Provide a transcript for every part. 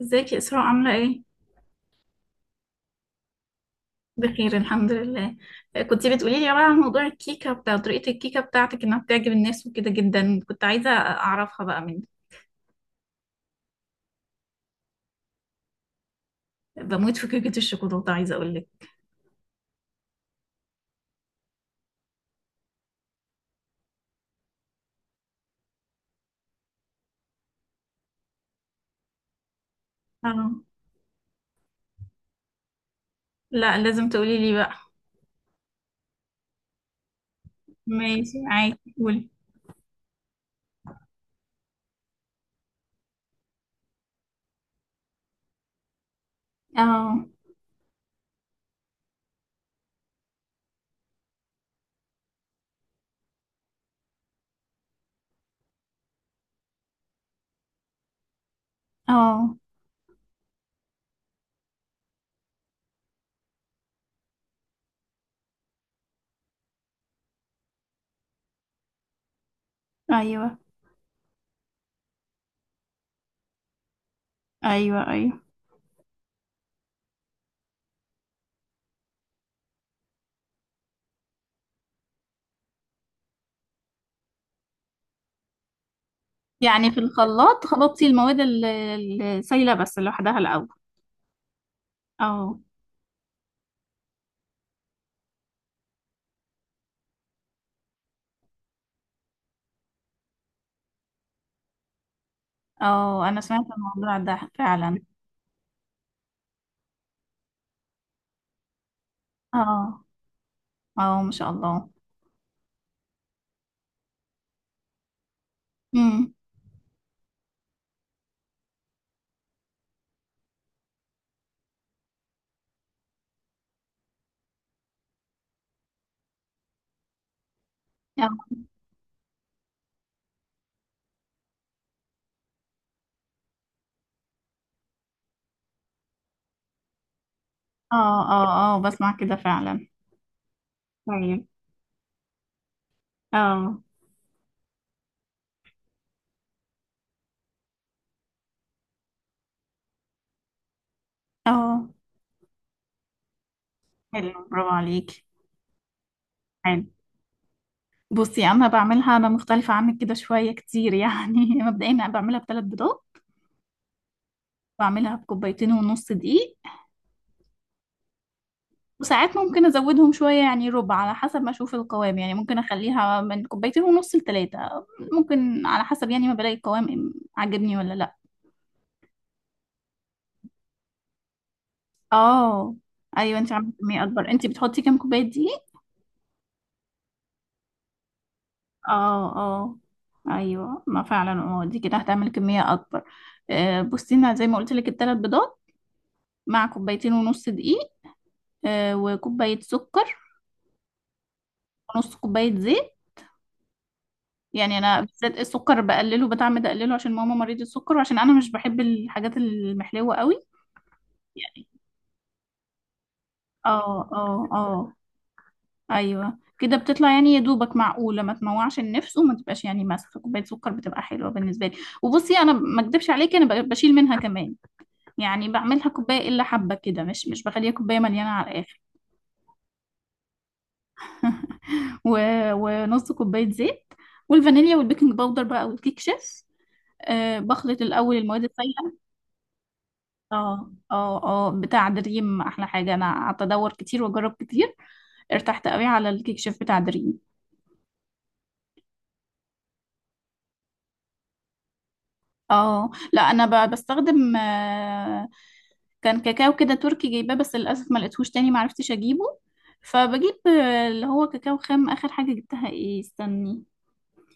ازيك يا اسراء، عامله ايه؟ بخير، الحمد لله. كنت بتقولي لي بقى عن موضوع الكيكه، بتاع طريقه الكيكه بتاعتك انها بتعجب الناس وكده جدا، كنت عايزه اعرفها بقى من... بموت في كيكه الشوكولاته، عايزه اقول لك. اه، لا، لازم تقولي لي بقى. ماشي، عادي، قولي. اه، اه، ايوه، ايوه، ايوه. يعني في الخلاط خلطتي المواد السايله بس لوحدها الاول؟ اه، اه، انا سمعت الموضوع ده فعلا. اه، اه، ما شاء الله. امم. اه، اه، اه، بسمع كده فعلا. طيب. اه، اه. حلو، برافو عليك. حلو. بصي، انا بعملها انا مختلفة عنك كده شوية كتير يعني مبدئيا انا بعملها ب3 بيضات. بعملها بكوبايتين ونص دقيق. وساعات ممكن ازودهم شوية يعني ربع، على حسب ما اشوف القوام، يعني ممكن اخليها من كوبايتين ونص لثلاثة. ممكن على حسب، يعني ما بلاقي القوام عاجبني ولا لا. اه، ايوه، انت عامله كميه اكبر، انت بتحطي كام كوبايه دقيق؟ اه، اه. ايوه، ما فعلا اه، دي كده هتعمل كميه اكبر. بصي، انا زي ما قلت لك الثلاث بيضات. مع كوبايتين ونص دقيق. وكوبايه سكر، ونص كوبايه زيت. يعني انا بالذات السكر بقلله، بتعمد اقلله عشان ماما مريضه السكر، وعشان انا مش بحب الحاجات المحلوه قوي. اه، اه، اه، ايوه، كده بتطلع يعني يا دوبك معقوله، ما تموعش النفس وما تبقاش يعني ماسكه كوبايه سكر، بتبقى حلوه بالنسبه لي. وبصي، انا ما اكدبش عليكي، انا بشيل منها كمان. يعني بعملها كوبايه الا حبه كده، مش بخليها كوبايه مليانه على الاخر. و... ونص كوبايه زيت، والفانيليا والبيكنج باودر بقى، والكيك شيف. بخلط الاول المواد السائله. اه، اه، اه، بتاع دريم احلى حاجه، انا قعدت ادور كتير واجرب كتير. ارتحت قوي على الكيك شيف بتاع دريم. اه، لا، انا بستخدم كان كاكاو كده تركي جايباه، بس للأسف ما لقيتهوش تاني، ما عرفتش أجيبه. فبجيب اللي هو كاكاو خام، آخر حاجة جبتها إيه؟ استني.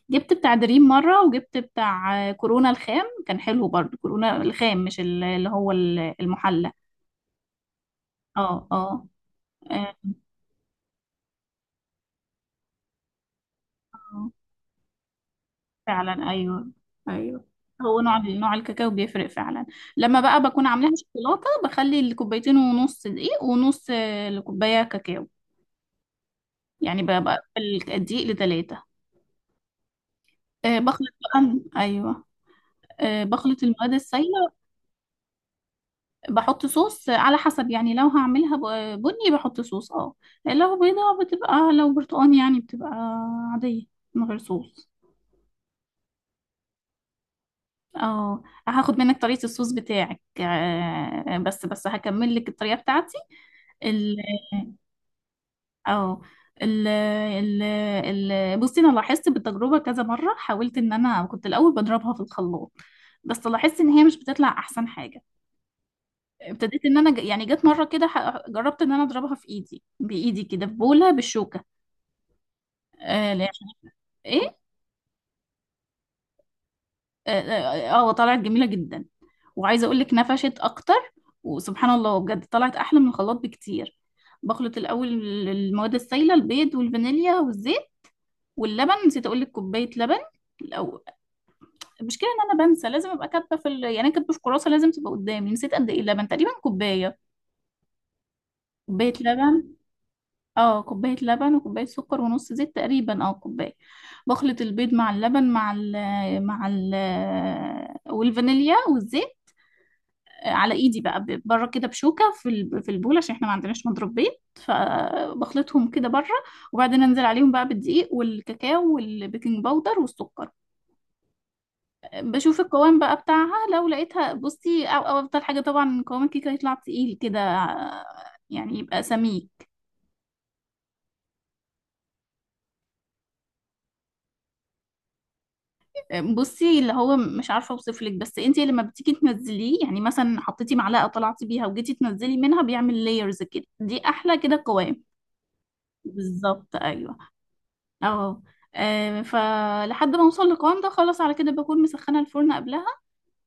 جبت بتاع دريم مرة، وجبت بتاع كورونا الخام، كان حلو برضو. كورونا الخام مش اللي هو المحلى. اه، اه، آه، آه، فعلا. أيوه، أيوه. هو نوع الكاكاو بيفرق فعلا. لما بقى بكون عاملاها شوكولاتة بخلي الكوبايتين ونص دقيق، ونص الكوباية كاكاو. يعني بقى الدقيق لتلاتة. بخلط بقى، ايوه. بخلط المواد السائلة. بحط صوص على حسب، يعني لو هعملها بني بحط صوص اه. لو بيضة بتبقى، لو برتقان يعني بتبقى عادية من غير صوص. اه، هاخد منك طريقة الصوص بتاعك. بس هكمل لك الطريقة بتاعتي. ال اه آه، ال ال ال بصي، انا لاحظت بالتجربه كذا مره، حاولت ان انا كنت الاول بضربها في الخلاط، بس لاحظت ان هي مش بتطلع احسن حاجه. ابتديت ان انا يعني جت مره كده جربت ان انا اضربها في ايدي بايدي كده في بوله بالشوكه. آه، لا، ايه، اه، طلعت جميله جدا. وعايزه اقول لك، نفشت اكتر. وسبحان الله بجد طلعت احلى من الخلاط بكتير. بخلط الاول المواد السائله: البيض والفانيليا والزيت واللبن. نسيت اقول لك كوبايه لبن الأول. المشكله ان انا بنسى، لازم ابقى كاتبه في يعني أنا كاتبه في كراسه لازم تبقى قدامي. نسيت قد ايه اللبن، تقريبا كوبايه. كوبايه لبن. اه، كوباية لبن وكوباية سكر ونص زيت تقريبا او كوباية. بخلط البيض مع اللبن مع ال مع ال والفانيليا والزيت. على ايدي بقى بره كده بشوكة في في البول، عشان احنا ما عندناش مضرب بيض، فبخلطهم كده بره. وبعدين انزل عليهم بقى بالدقيق والكاكاو والبيكنج باودر والسكر. بشوف القوام بقى بتاعها، لو لقيتها بصي، او افضل حاجة طبعا قوام الكيكة يطلع تقيل كده. يعني يبقى سميك. بصي، اللي هو مش عارفه اوصف لك، بس انت لما بتيجي تنزليه يعني، مثلا حطيتي معلقه طلعتي بيها وجيتي تنزلي منها، بيعمل لايرز كده، دي احلى كده قوام. بالظبط، ايوه. اهو. فلحد ما اوصل للقوام ده خلاص، على كده بكون مسخنه الفرن قبلها.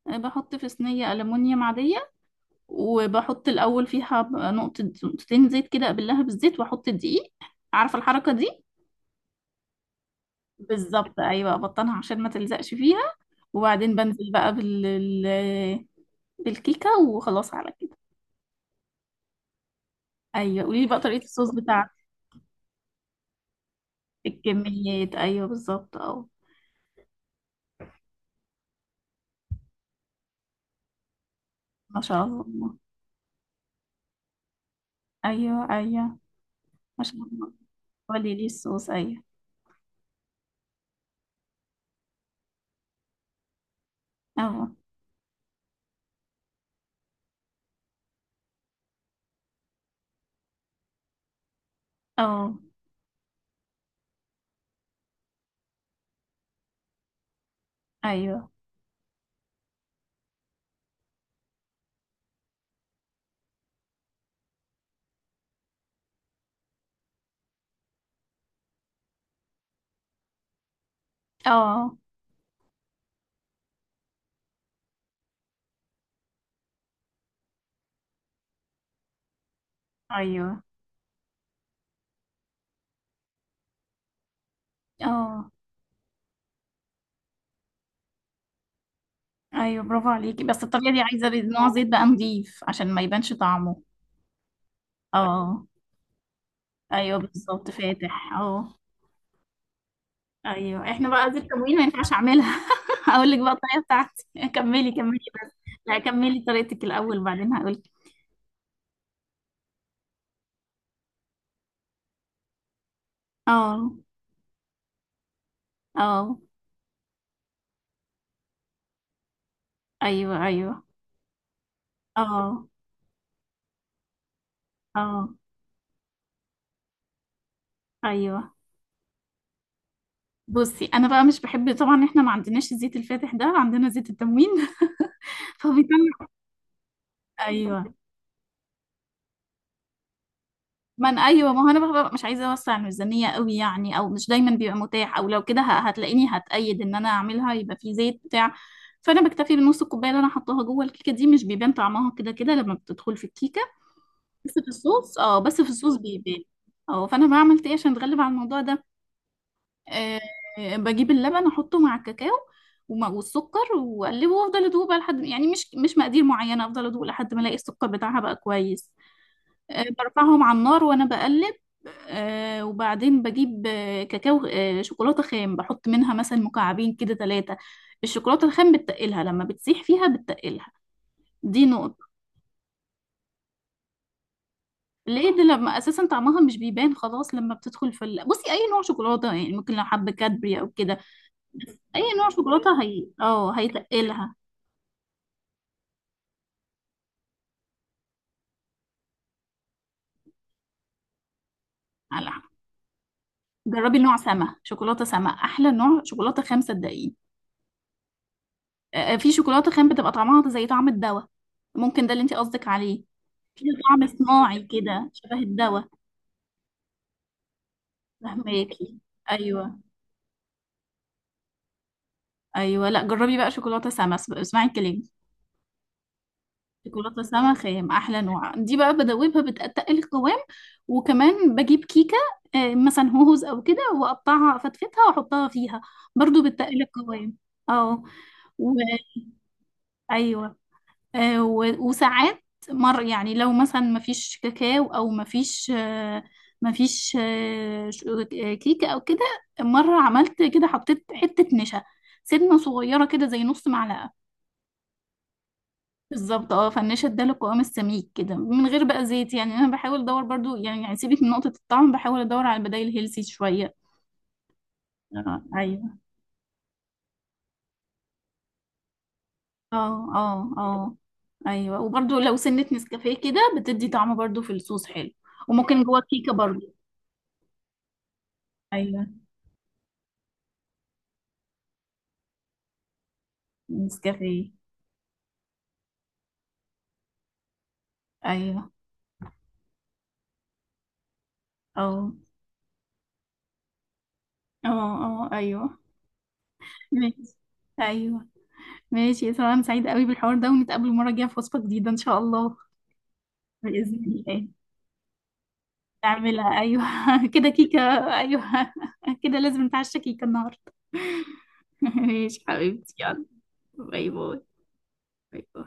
بحط في صينيه الومنيوم عاديه، وبحط الاول فيها نقطه نقطتين زيت كده، قبلها بالزيت واحط الدقيق. عارفه الحركه دي؟ بالظبط، ايوه، ابطنها عشان ما تلزقش فيها. وبعدين بنزل بقى بالكيكة، وخلاص على كده. أيوة، قولي لي بقى طريقة الصوص بتاعتك. الكميات، أيوة، بالظبط أه. ما شاء الله. أيوة، أيوة. ما شاء الله. قولي لي الصوص، أيوة. أه، أه، أيوة، أه، أيوة، أه، أيوة، برافو عليكي. بس الطريقة دي عايزة نوع زيت بقى نضيف عشان ما يبانش طعمه. أه، أيوة، بالظبط، فاتح أه. أيوة، إحنا بقى دي التموين، ما ينفعش أعملها. هقول لك بقى الطريقة بتاعتي. كملي، كملي. بس. لا، كملي طريقتك الأول، بعدين هقول. اه، اه، ايوه، ايوه، اه، اه، ايوه. بصي، انا بقى مش بحب طبعا، احنا ما عندناش الزيت الفاتح ده، عندنا زيت التموين. فبيطلع... ايوه، ما انا ايوه، ما هو انا ببقى مش عايزه اوسع الميزانيه قوي يعني، او مش دايما بيبقى متاح، او لو كده هتلاقيني هتأيد ان انا اعملها يبقى في زيت بتاع... فانا بكتفي بنص الكوبايه اللي انا حطاها جوه الكيكه، دي مش بيبان طعمها كده كده لما بتدخل في الكيكه. بس في الصوص، اه، بس في الصوص بيبان. اه، فانا بعمل ايه عشان اتغلب على الموضوع ده؟ آه، بجيب اللبن احطه مع الكاكاو، والسكر، واقلبه وافضل ادوق بقى لحد يعني، مش مقادير معينه، افضل ادوق لحد ما الاقي السكر بتاعها بقى كويس. برفعهم على النار وانا بقلب. وبعدين بجيب كاكاو، شوكولاته خام، بحط منها مثلا مكعبين كده، 3. الشوكولاته الخام بتتقلها، لما بتسيح فيها بتتقلها. دي نقطة. ليه؟ دي لما أساسا طعمها مش بيبان خلاص لما بتدخل في بصي، أي نوع شوكولاتة يعني، ممكن لو حبة كادبري أو كده. أي نوع شوكولاتة هي اه، هيتقلها. على اللحمة. جربي نوع سما، شوكولاتة سما أحلى نوع شوكولاتة خام، صدقيني. في شوكولاتة خام بتبقى طعمها زي طعم الدواء. ممكن ده اللي انت قصدك عليه. في طعم صناعي كده شبه الدواء. فهماكي؟ أيوه، أيوه، لا، جربي بقى شوكولاتة سما، اسمعي كلامي. شوكولاتة سما خام أحلى نوع، دي بقى بدوبها، بتقل القوام. وكمان بجيب كيكة مثلا هوز أو كده، وأقطعها أفتفتها وأحطها فيها. برضو بتقل القوام. اه. و... ايوه. وساعات مر يعني، لو مثلا مفيش كاكاو او مفيش مفيش كيكه او كده. مره عملت كده، حطيت حته نشا. سنه صغيره كده، زي نص معلقه. بالظبط، اه، فالنشا اداله القوام السميك كده من غير بقى زيت، يعني انا بحاول ادور برضو يعني سيبك من نقطه الطعم، بحاول ادور على البدائل هيلسي شويه. ايوه. اه، اه، اه، ايوه. وبرضو لو سنه نسكافيه كده، بتدي طعم برضو في الصوص حلو. وممكن جوه كيكه برضو. ايوه، نسكافيه. ايوه، او، اه، اه، ايوه، ماشي، ايوه. ماشي، يا سلام، أنا سعيدة قوي بالحوار ده، ونتقابل المرة الجاية في وصفة جديدة ان شاء الله. بإذن الله. نعملها، ايوه. كده كيكة. ايوه. كده لازم نتعشى كيكة النهاردة. ماشي حبيبتي، يلا. باي باي، باي باي.